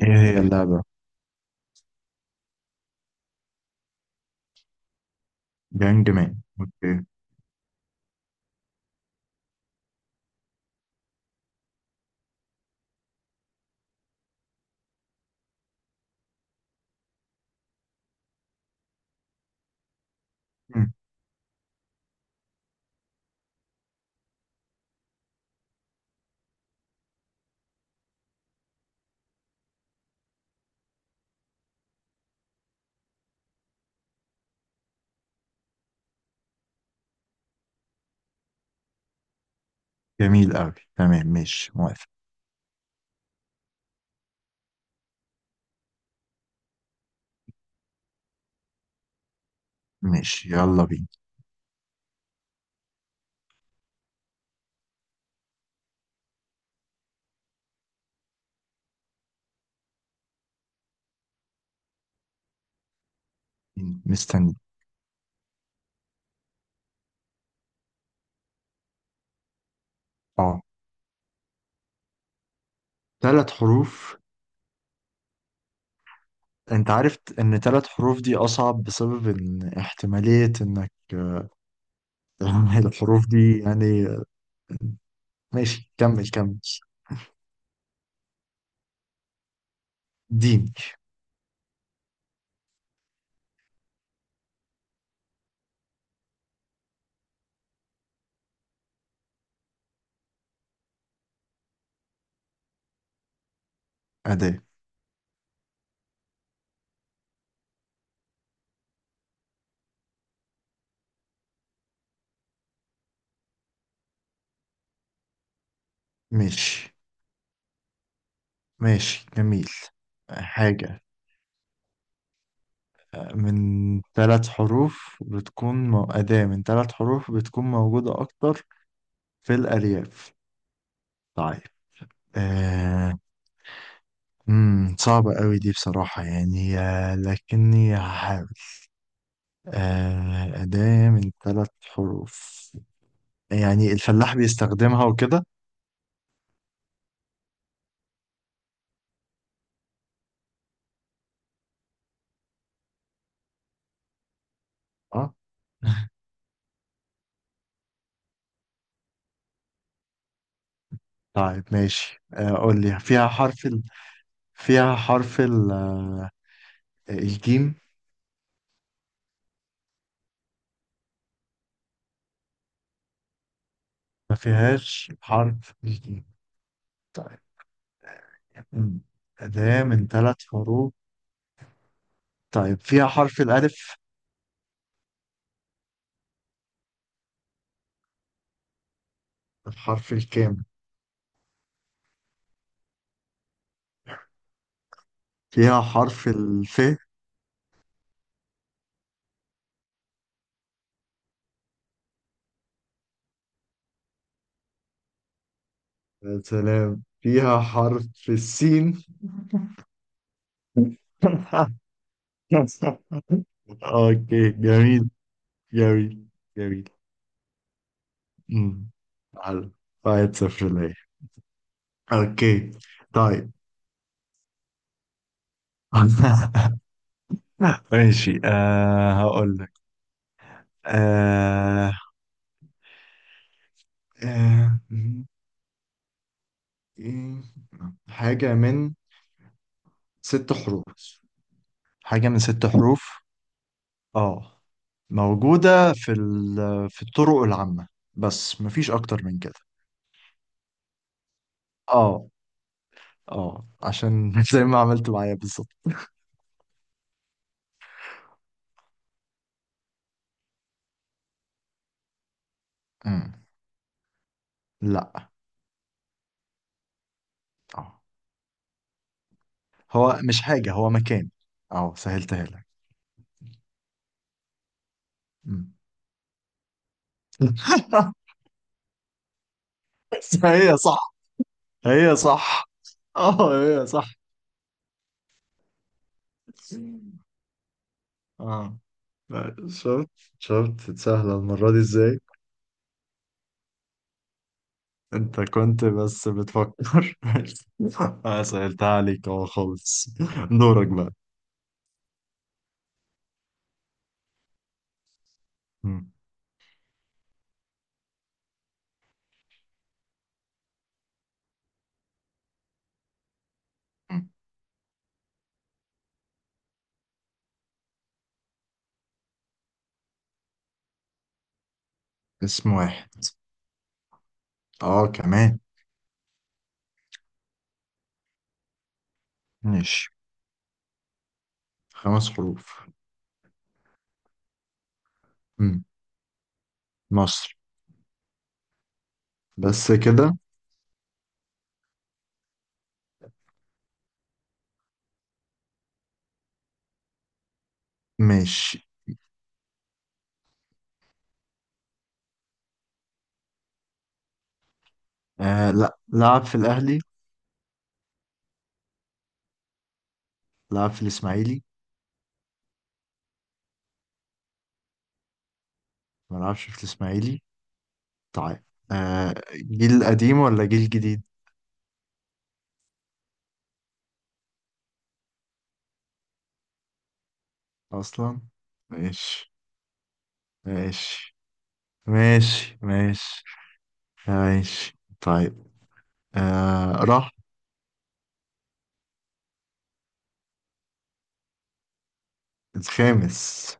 ايه هي اللعبة؟ جانج مان، اوكي. مم. جميل أوي، تمام، ماشي، موافق. ماشي، يلا بينا. مستني. اه، 3 حروف. انت عارف ان 3 حروف دي اصعب، بسبب ان احتمالية انك الحروف دي يعني. ماشي، كمل كمل. دين. أداة. ماشي، ماشي، جميل. حاجة من 3 حروف بتكون أداة من 3 حروف بتكون موجودة أكتر في الأرياف. طيب، آه، صعبة قوي دي بصراحة، يعني لكني هحاول. أداة من 3 حروف. يعني الفلاح بيستخدمها وكده. اه. طيب، ماشي، قول لي، فيها حرف ال... آه، الجيم؟ ما فيهاش حرف الجيم. طيب. مم. أداة من ثلاث حروف. طيب، فيها حرف الألف. الحرف الكام؟ فيها حرف الف. يا سلام، فيها حرف السين. اوكي، جميل، جميل، جميل. امم. حلو، 1-0 ليا. اوكي. طيب. ماشي، هقول لك، آه آه م- إيه، حاجة من 6 حروف. حاجة من ست حروف. اه، موجودة في الطرق العامة. بس مفيش أكتر من كده. اه، اه، عشان زي ما عملت معايا بالظبط. لا، اه، هو مش حاجة، هو مكان. اه، سهلتها لك. أمم. هي صح، هي صح، اه، هي صح. اه، لا، شفت، شفت سهلة المرة دي ازاي. انت كنت بس بتفكر. اه، سهلتها عليك، اه، خالص. دورك بقى. أمم. اسم واحد. اه، كمان. ماشي، 5 حروف. أمم. مصر. بس كده؟ ماشي. لا، لعب في الأهلي. لعب في الإسماعيلي؟ ما لعبش في الإسماعيلي. طيب. جيل قديم ولا جيل جديد؟ أصلا. ماشي، ماشي، ماشي، ماشي، ماشي. طيب. راح. الخامس.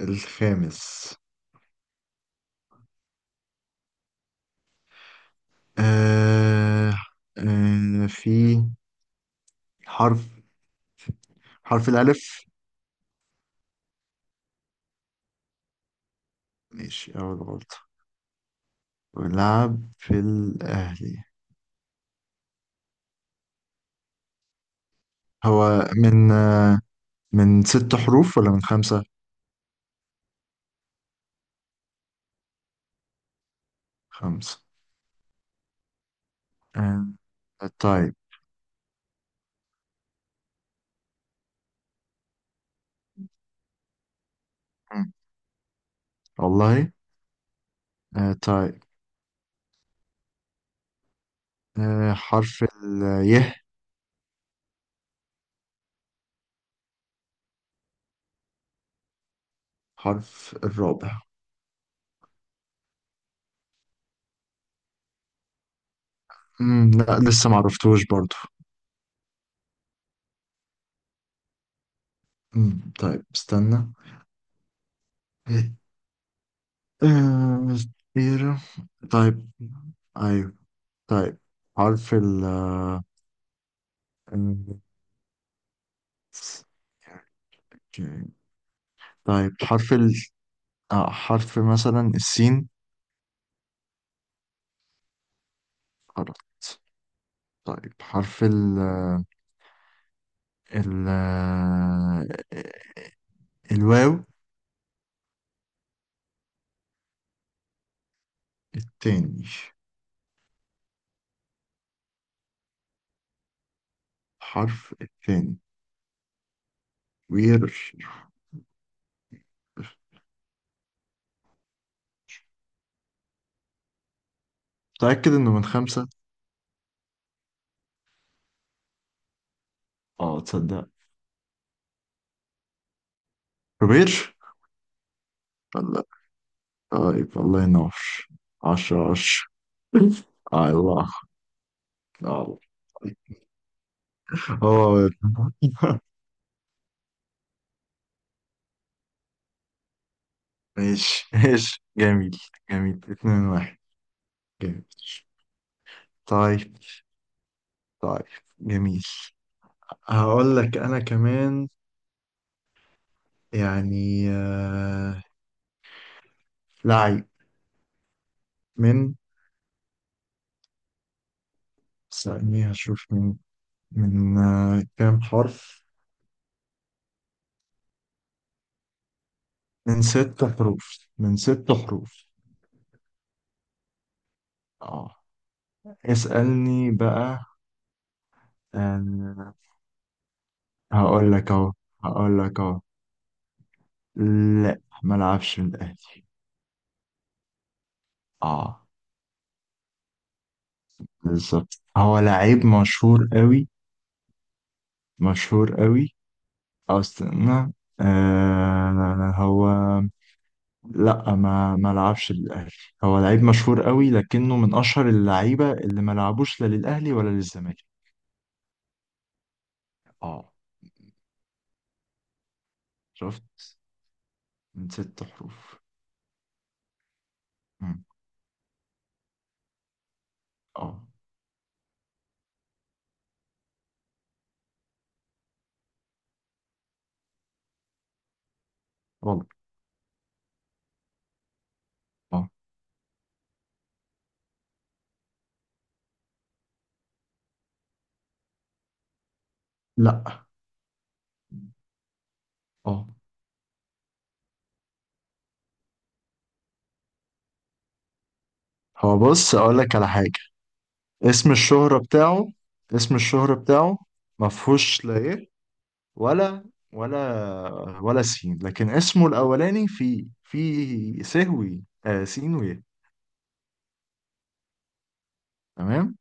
الخامس. آه في حرف حرف الألف. ماشي، أول غلطة. ولعب في الأهلي. هو من آه من 6 حروف ولا من 5؟ خمسة. آه طيب. مم. والله. طيب. حرف ال ي. حرف الرابع؟ مم. لا، لسه معرفتوش برضو. مم. طيب، استنى. آه كتيرة. طيب. ايوه. طيب، حرف ال آه، طيب، حرف ال آه حرف مثلا السين. غلط. طيب، حرف ال آه، ال آه، الواو. التاني؟ حرف التاني. وير. متأكد إنه من 5؟ اه، تصدق؟ كبير. لا. طيب، الله ينور. 10-10. الله، الله، هو. ماشي، ماشي، جميل. جميل، 2-1. جميل. طيب، طيب، جميل. هقول لك أنا كمان، يعني لعيب من ثانية، أشوف من كام حرف. من ست حروف، من ست حروف. اه. اسألني بقى. آه هقول لك اهو، هقول لك اهو. لا، ما لعبش من الاهلي. اه، بالظبط، هو لعيب مشهور قوي، مشهور قوي. أو استنى. هو، لا، ما لعبش للاهلي. هو لعيب مشهور قوي، لكنه من اشهر اللعيبه اللي ما لعبوش لا للاهلي ولا للزمالك. اه. شفت؟ من ست حروف. مم. اه، والله. اه، لا، اه، هو بص، اقول لك على حاجه. اسم الشهره بتاعه، اسم الشهره بتاعه. ما فيهوش لا ايه. ولا، ولا، ولا سين، لكن اسمه الاولاني في سهوي، سين، ويه. تمام.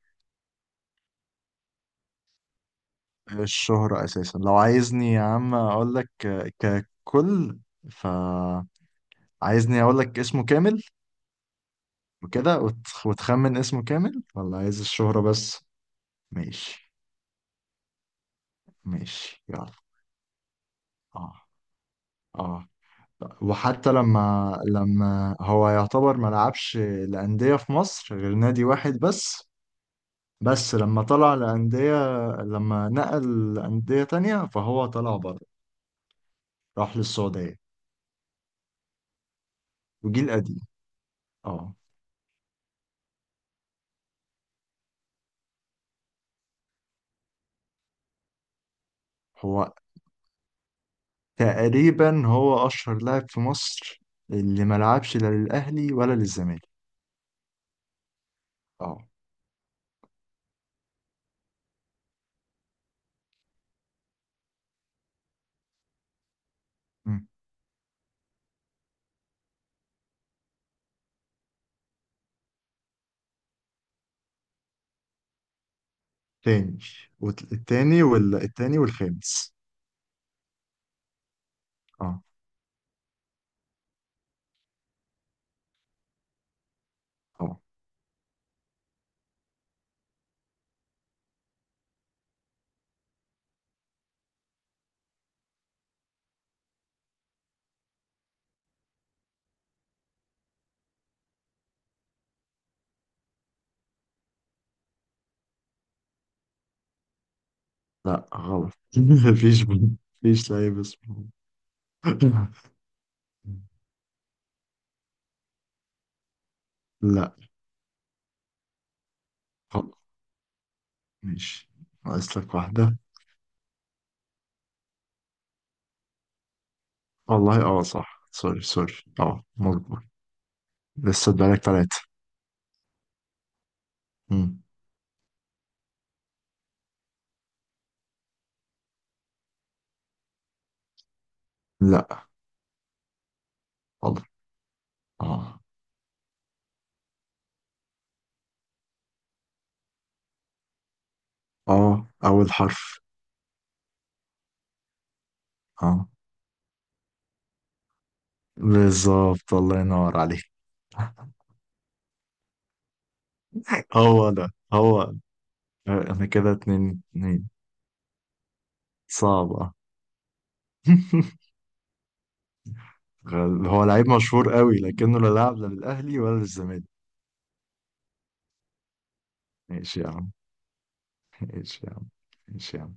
الشهره اساسا، لو عايزني يا عم اقول لك ككل، فعايزني اقول لك اسمه كامل. وكده، وتخمن اسمه كامل ولا عايز الشهره بس؟ ماشي. ماشي، يلا. اه، اه. وحتى لما هو يعتبر ما لعبش لأندية في مصر غير نادي واحد بس. بس لما طلع لأندية، لما نقل لأندية تانية فهو طلع بره. راح للسعودية. وجيل قديم. اه. هو تقريبا، هو أشهر لاعب في مصر اللي ما لعبش لا للأهلي ولا للزمالك. اه. مم. تاني. التاني والخامس. اه، اه، لا، غلط. مفيش. مفيش لعيب اسمه. لا، خلاص، ماشي، ناقص لك واحدة. والله، اه، صح. سوري، سوري. اه، مظبوط. لسه بقالك 3. مم. لا، والله. اه، اه، أول حرف. اه، بالظبط، الله ينور عليك. هو ده، هو ده. انا كده 2-2. صعبة. هو لعيب مشهور قوي، لكنه لا لاعب لا للأهلي ولا للزمالك. ماشي يا عم، ماشي يا عم، ماشي يا عم.